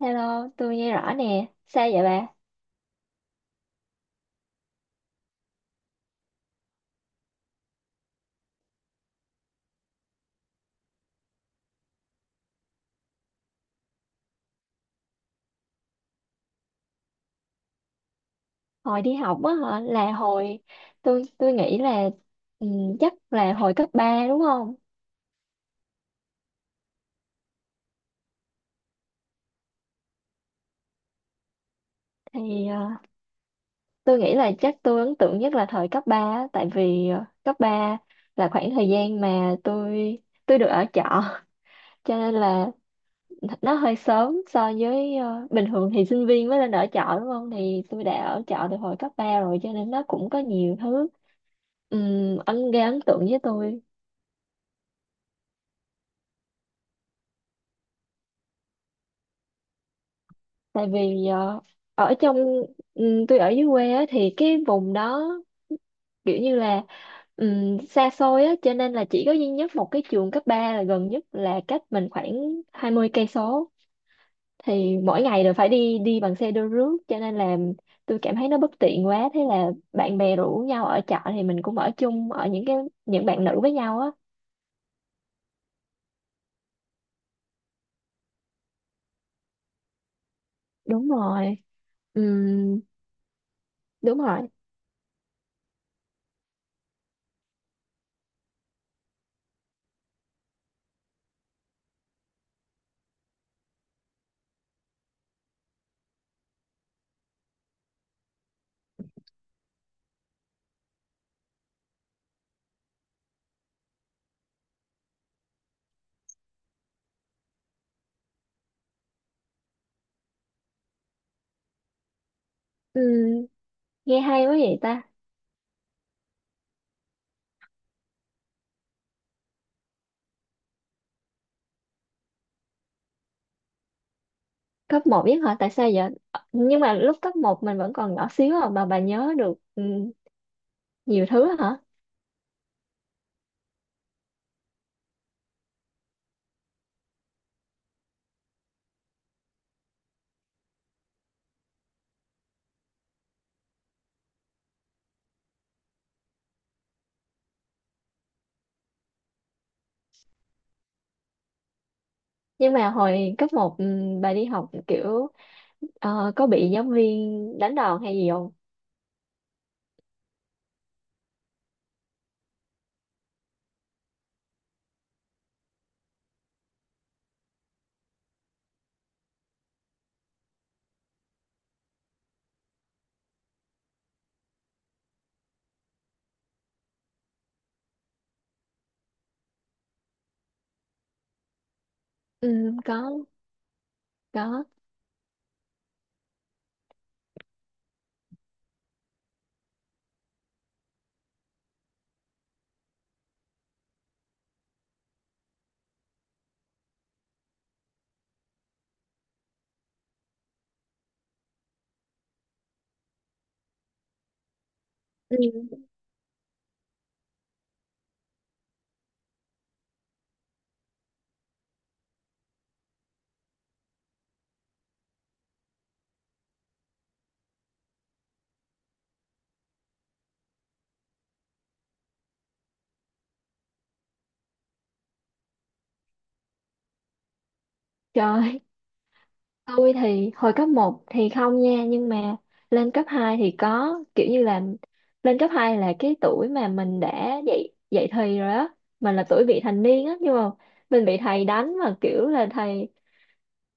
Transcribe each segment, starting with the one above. Hello, tôi nghe rõ nè. Sao vậy bà? Hồi đi học á hả? Là hồi tôi nghĩ là ừ, chắc là hồi cấp 3 đúng không? Thì tôi nghĩ là chắc tôi ấn tượng nhất là thời cấp ba á, tại vì cấp 3 là khoảng thời gian mà tôi được ở trọ cho nên là nó hơi sớm so với bình thường thì sinh viên mới lên ở trọ đúng không? Thì tôi đã ở trọ từ hồi cấp 3 rồi cho nên nó cũng có nhiều thứ gây ấn tượng với tôi. Tại vì ở trong tôi ở dưới quê á, thì cái vùng đó kiểu như là xa xôi á, cho nên là chỉ có duy nhất một cái trường cấp 3 là gần nhất, là cách mình khoảng 20 km. Thì mỗi ngày đều phải đi đi bằng xe đưa rước, cho nên là tôi cảm thấy nó bất tiện quá, thế là bạn bè rủ nhau ở trọ thì mình cũng ở chung, ở những bạn nữ với nhau á. Đúng rồi. Ừm. Đúng rồi. Ừm, nghe hay quá vậy ta. Cấp một biết hả? Tại sao vậy? Ờ, nhưng mà lúc cấp một mình vẫn còn nhỏ xíu à, mà bà nhớ được nhiều thứ hả? Nhưng mà hồi cấp một bà đi học kiểu có bị giáo viên đánh đòn hay gì không? Ừ, có. Có. Ừ. Trời, tôi thì hồi cấp một thì không nha, nhưng mà lên cấp 2 thì có. Kiểu như là lên cấp 2 là cái tuổi mà mình đã dậy dậy thì rồi á, mình là tuổi vị thành niên á, nhưng mà mình bị thầy đánh, mà kiểu là thầy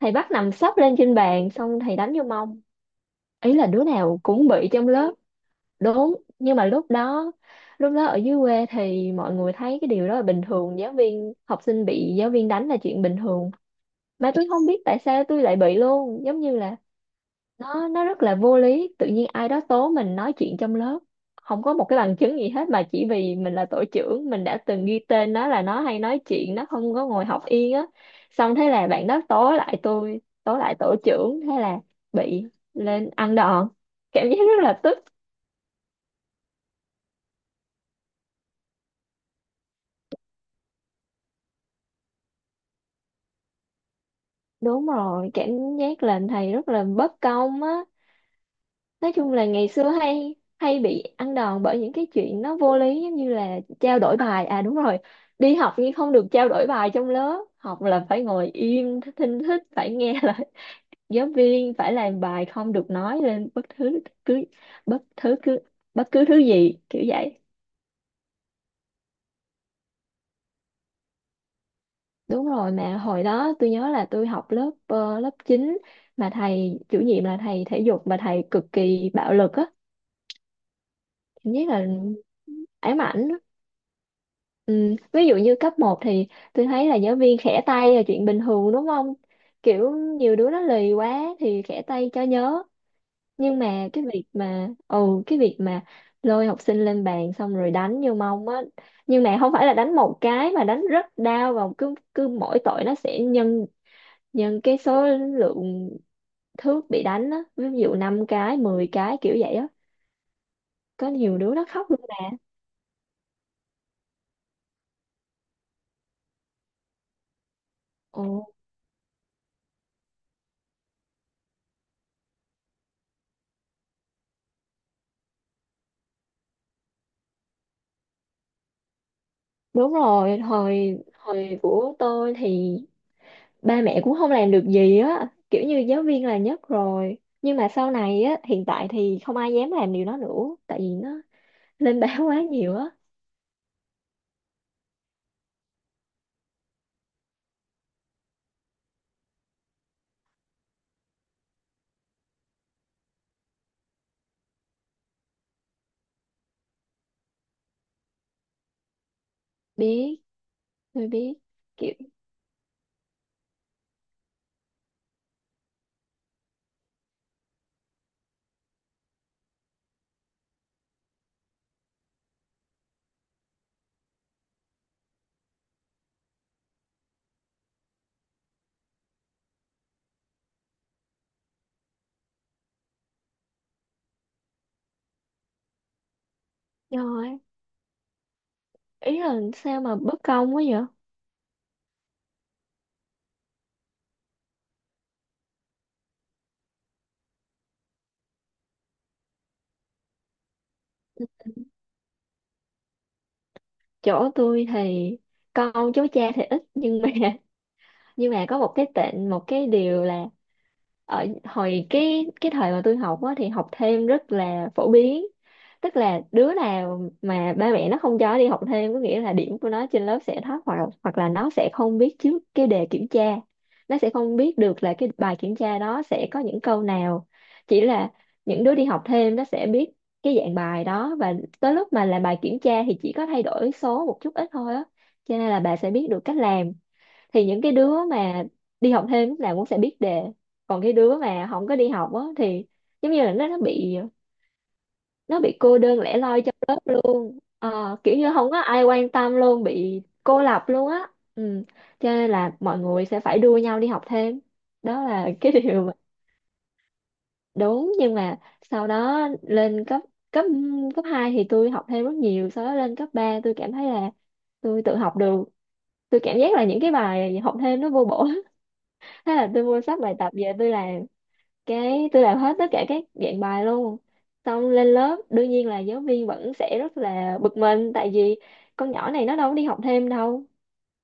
thầy bắt nằm sấp lên trên bàn xong thầy đánh vô mông. Ý là đứa nào cũng bị trong lớp đúng, nhưng mà lúc đó ở dưới quê thì mọi người thấy cái điều đó là bình thường, giáo viên học sinh bị giáo viên đánh là chuyện bình thường. Mà tôi không biết tại sao tôi lại bị luôn, giống như là nó rất là vô lý, tự nhiên ai đó tố mình nói chuyện trong lớp, không có một cái bằng chứng gì hết, mà chỉ vì mình là tổ trưởng mình đã từng ghi tên nó là nó hay nói chuyện, nó không có ngồi học yên á, xong thế là bạn đó tố lại tôi, tố lại tổ trưởng, thế là bị lên ăn đòn. Cảm giác rất là tức. Đúng rồi, cảm giác làm thầy rất là bất công á. Nói chung là ngày xưa hay hay bị ăn đòn bởi những cái chuyện nó vô lý, giống như là trao đổi bài à, đúng rồi, đi học nhưng không được trao đổi bài trong lớp học, là phải ngồi im thinh thích, phải nghe lời giáo viên, phải làm bài, không được nói lên cứ bất thứ cứ bất cứ thứ gì kiểu vậy. Đúng rồi, mà hồi đó tôi nhớ là tôi học lớp lớp chín, mà thầy chủ nhiệm là thầy thể dục, mà thầy cực kỳ bạo lực á. Cảm giác là ám ảnh. Ừ, ví dụ như cấp một thì tôi thấy là giáo viên khẽ tay là chuyện bình thường đúng không? Kiểu nhiều đứa nó lì quá thì khẽ tay cho nhớ. Nhưng mà cái việc mà ừ cái việc mà lôi học sinh lên bàn xong rồi đánh vô mông á, nhưng mà không phải là đánh một cái mà đánh rất đau, và cứ cứ mỗi tội nó sẽ nhân nhân cái số lượng thước bị đánh á, ví dụ 5 cái, 10 cái kiểu vậy á. Có nhiều đứa nó khóc luôn mà. Ồ, đúng rồi, hồi hồi của tôi thì ba mẹ cũng không làm được gì á, kiểu như giáo viên là nhất rồi, nhưng mà sau này á, hiện tại thì không ai dám làm điều đó nữa tại vì nó lên báo quá nhiều á. biết tôi biết. Kiểu rồi. Ý là sao mà bất công quá vậy. Chỗ tôi thì con cháu cha thì ít, nhưng mà nhưng mà có một cái điều là ở hồi cái thời mà tôi học á, thì học thêm rất là phổ biến, tức là đứa nào mà ba mẹ nó không cho đi học thêm có nghĩa là điểm của nó trên lớp sẽ thấp, hoặc hoặc là nó sẽ không biết trước cái đề kiểm tra, nó sẽ không biết được là cái bài kiểm tra đó sẽ có những câu nào, chỉ là những đứa đi học thêm nó sẽ biết cái dạng bài đó, và tới lúc mà làm bài kiểm tra thì chỉ có thay đổi số một chút ít thôi á, cho nên là bà sẽ biết được cách làm. Thì những cái đứa mà đi học thêm lúc nào cũng sẽ biết đề, còn cái đứa mà không có đi học á thì giống như là nó bị cô đơn lẻ loi trong lớp luôn. Ờ, kiểu như không có ai quan tâm luôn, bị cô lập luôn á. Ừ. Cho nên là mọi người sẽ phải đua nhau đi học thêm, đó là cái điều mà đúng. Nhưng mà sau đó lên cấp cấp cấp 2 thì tôi học thêm rất nhiều. Sau đó lên cấp 3 tôi cảm thấy là tôi tự học được, tôi cảm giác là những cái bài học thêm nó vô bổ, thế là tôi mua sách bài tập về tôi làm, cái tôi làm hết tất cả các dạng bài luôn. Xong lên lớp đương nhiên là giáo viên vẫn sẽ rất là bực mình tại vì con nhỏ này nó đâu có đi học thêm đâu,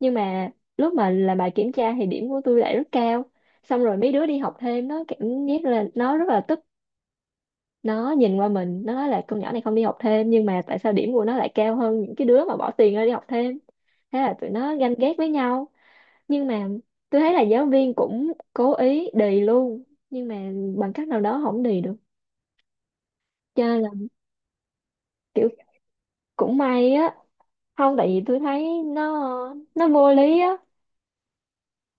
nhưng mà lúc mà làm bài kiểm tra thì điểm của tôi lại rất cao. Xong rồi mấy đứa đi học thêm nó cảm giác là nó rất là tức, nó nhìn qua mình nó nói là con nhỏ này không đi học thêm, nhưng mà tại sao điểm của nó lại cao hơn những cái đứa mà bỏ tiền ra đi học thêm? Thế là tụi nó ganh ghét với nhau. Nhưng mà tôi thấy là giáo viên cũng cố ý đì luôn, nhưng mà bằng cách nào đó không đì được, cho nên là kiểu cũng may á. Không, tại vì tôi thấy nó vô lý á,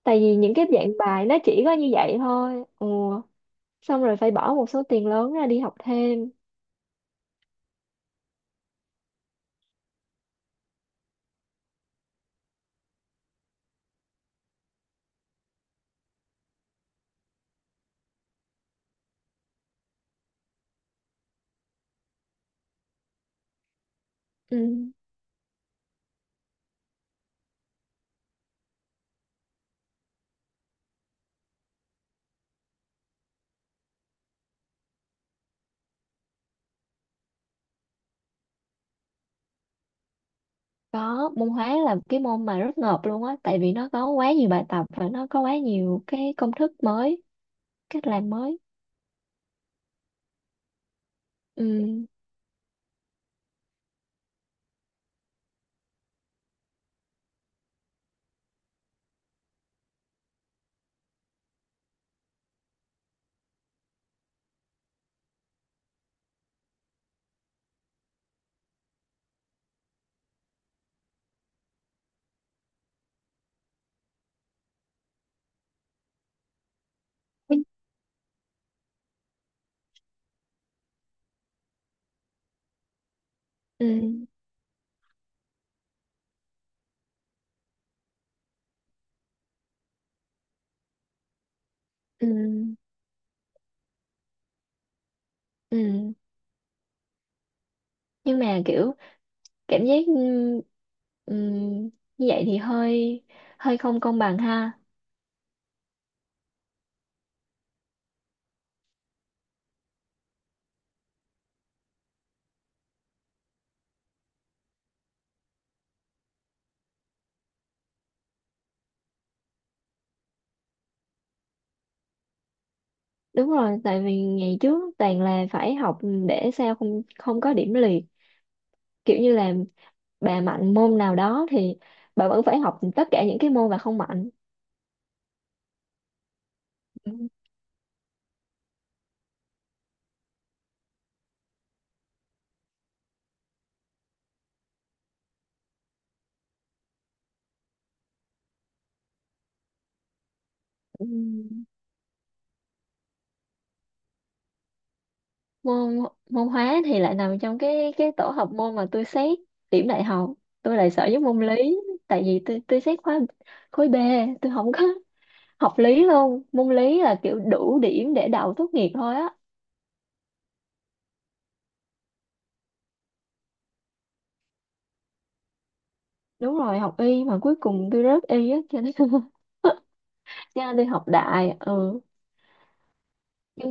tại vì những cái dạng bài nó chỉ có như vậy thôi. Ừ, xong rồi phải bỏ một số tiền lớn ra đi học thêm. Ừ, có, môn hóa là cái môn mà rất ngợp luôn á, tại vì nó có quá nhiều bài tập và nó có quá nhiều cái công thức mới, cách làm mới. ừ ừ ừ ừ nhưng mà kiểu cảm giác ừm, như vậy thì hơi hơi không công bằng ha. Đúng rồi, tại vì ngày trước toàn là phải học để sao không không có điểm liệt, kiểu như là bà mạnh môn nào đó thì bà vẫn phải học tất cả những cái môn bà không mạnh. Ừm. Ừm. môn Môn hóa thì lại nằm trong cái tổ hợp môn mà tôi xét điểm đại học. Tôi lại sợ với môn lý, tại vì tôi xét khối B, tôi không có học lý luôn, môn lý là kiểu đủ điểm để đậu tốt nghiệp thôi á. Đúng rồi, học y mà cuối cùng tôi rớt y á, cho nên cho nên đi học đại. Ừ. Ừ.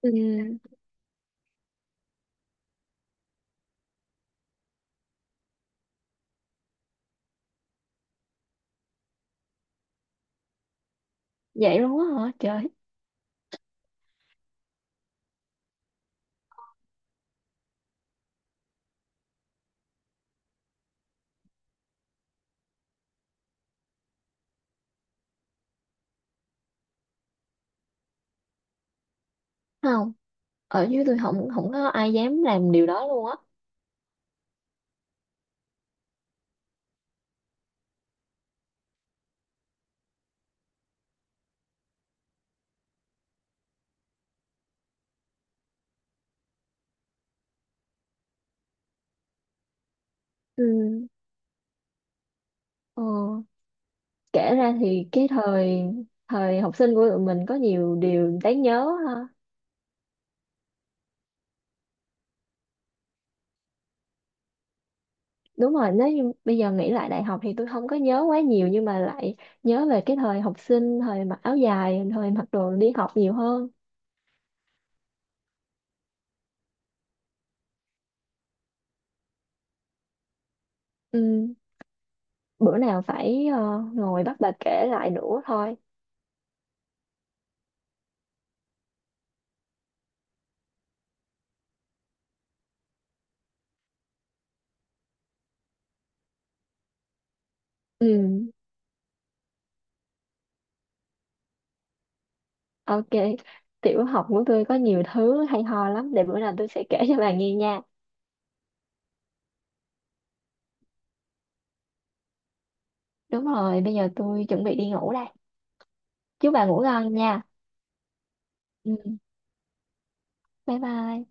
Ừ. Vậy luôn á hả trời? Không, ở dưới tôi không không có ai dám làm điều đó luôn á. Ừ. Ừ. Kể ra thì cái thời thời học sinh của tụi mình có nhiều điều đáng nhớ ha. Đúng rồi, nếu như bây giờ nghĩ lại đại học thì tôi không có nhớ quá nhiều, nhưng mà lại nhớ về cái thời học sinh, thời mặc áo dài, thời mặc đồ đi học nhiều hơn. Ừ, bữa nào phải ngồi bắt bà kể lại nữa thôi. Ừ, ok, tiểu học của tôi có nhiều thứ hay ho lắm, để bữa nào tôi sẽ kể cho bà nghe nha. Đúng rồi, bây giờ tôi chuẩn bị đi ngủ đây. Chúc bà ngủ ngon nha. Ừ, bye bye.